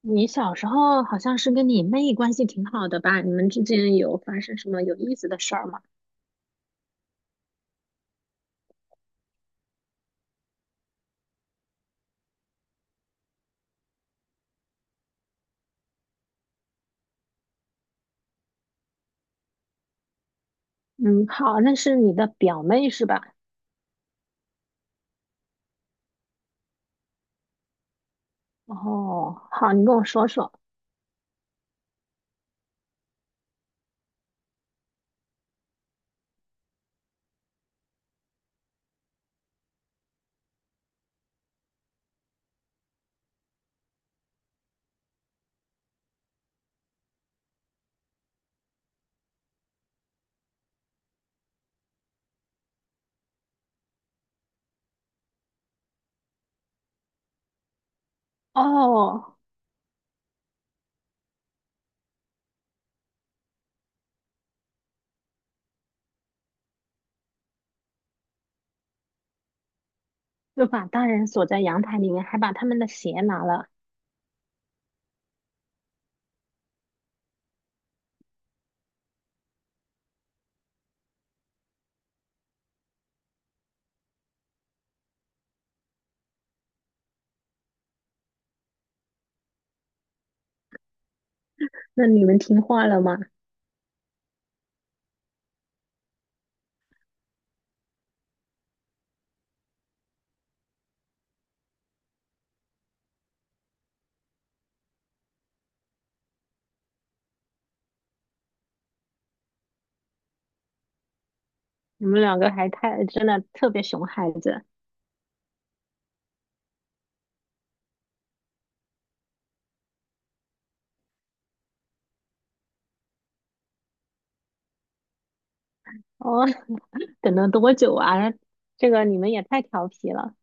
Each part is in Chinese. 你小时候好像是跟你妹关系挺好的吧？你们之间有发生什么有意思的事儿吗？嗯，好，那是你的表妹是吧？哦，好，你跟我说说。哦，就把大人锁在阳台里面，还把他们的鞋拿了。那你们听话了吗？你们两个还太，真的特别熊孩子。哦，等了多久啊？这个你们也太调皮了。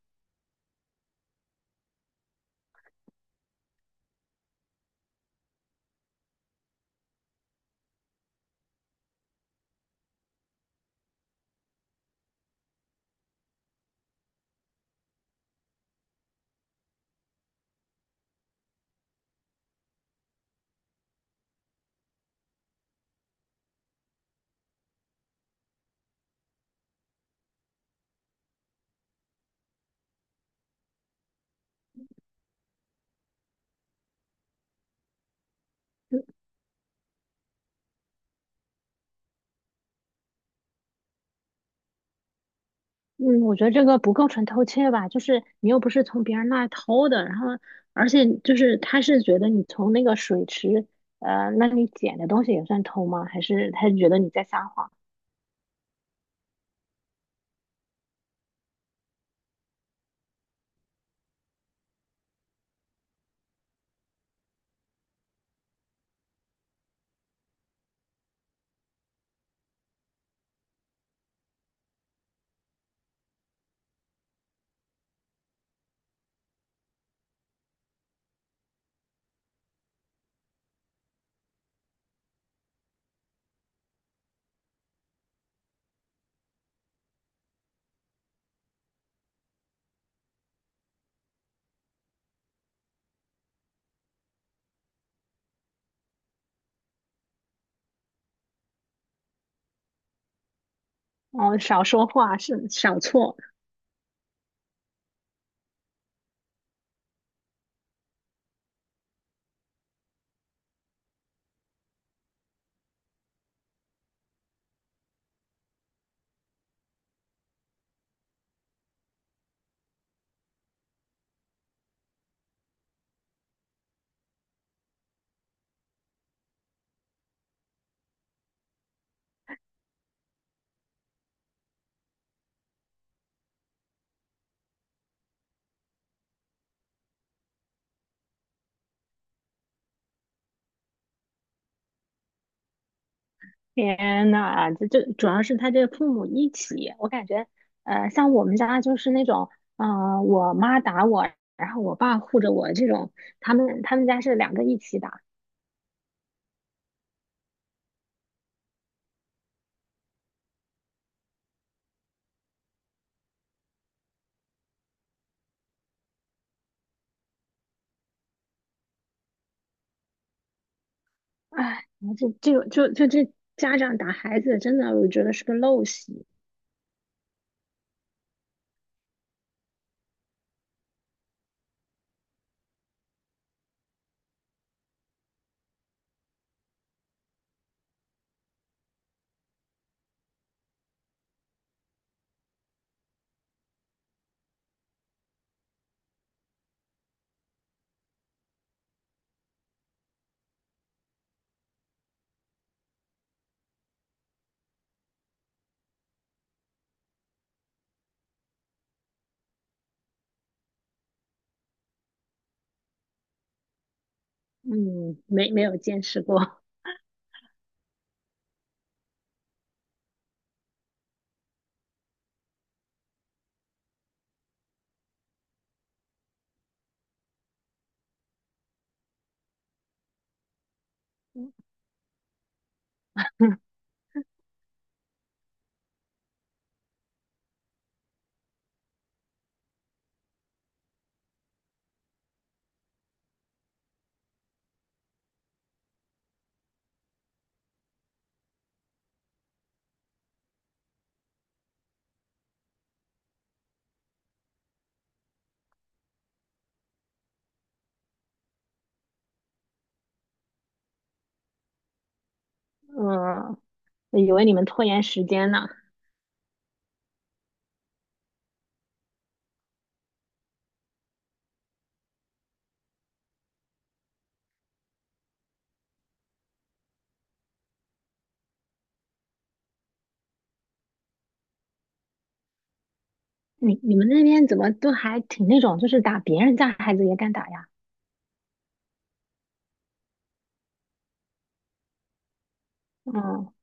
嗯，我觉得这个不构成偷窃吧，就是你又不是从别人那儿偷的，然后而且就是他是觉得你从那个水池，那你捡的东西也算偷吗？还是他觉得你在撒谎？哦，少说话是少错。天呐，这主要是他这个父母一起，我感觉，像我们家就是那种，嗯，我妈打我，然后我爸护着我这种，他们家是两个一起打。哎，这个就这家长打孩子，真的我觉得是个陋习。嗯，没有见识过。嗯，我以为你们拖延时间呢。你们那边怎么都还挺那种，就是打别人家孩子也敢打呀？嗯，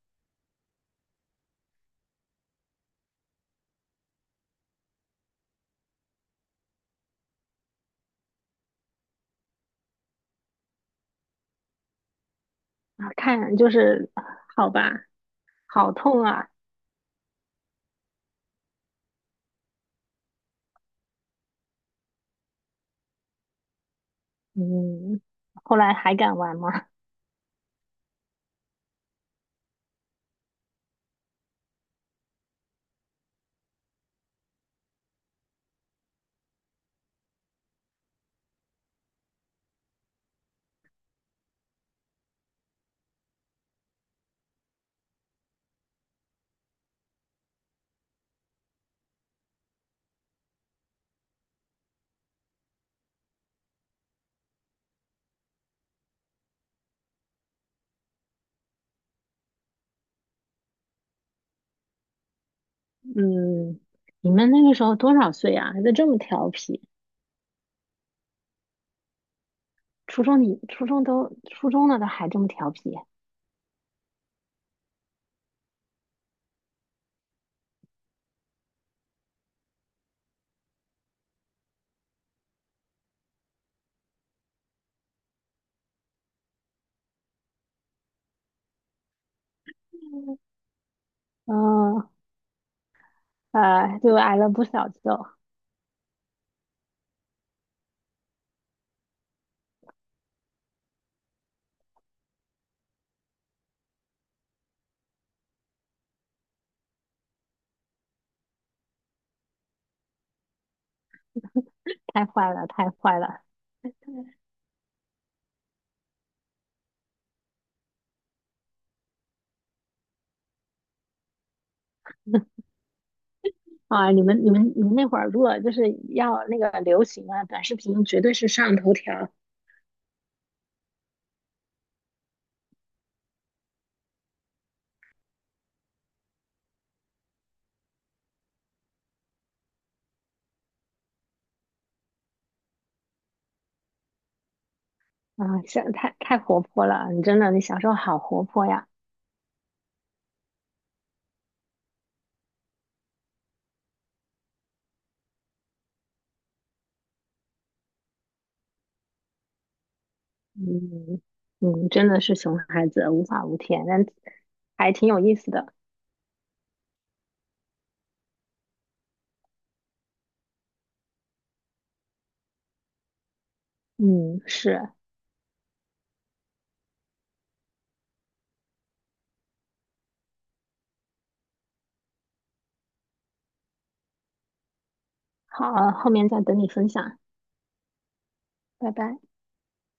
啊看就是好吧，好痛啊。嗯，后来还敢玩吗？嗯，你们那个时候多少岁啊？还在这么调皮？初中你初中都初中了都还这么调皮？嗯，就挨了不少揍，太坏了，太坏了啊！你们那会儿如果就是要那个流行啊，短视频绝对是上头条啊，像太活泼了，你真的，你小时候好活泼呀，嗯嗯，真的是熊孩子，无法无天，但还挺有意思的，嗯，是，好，后面再等你分享，拜拜。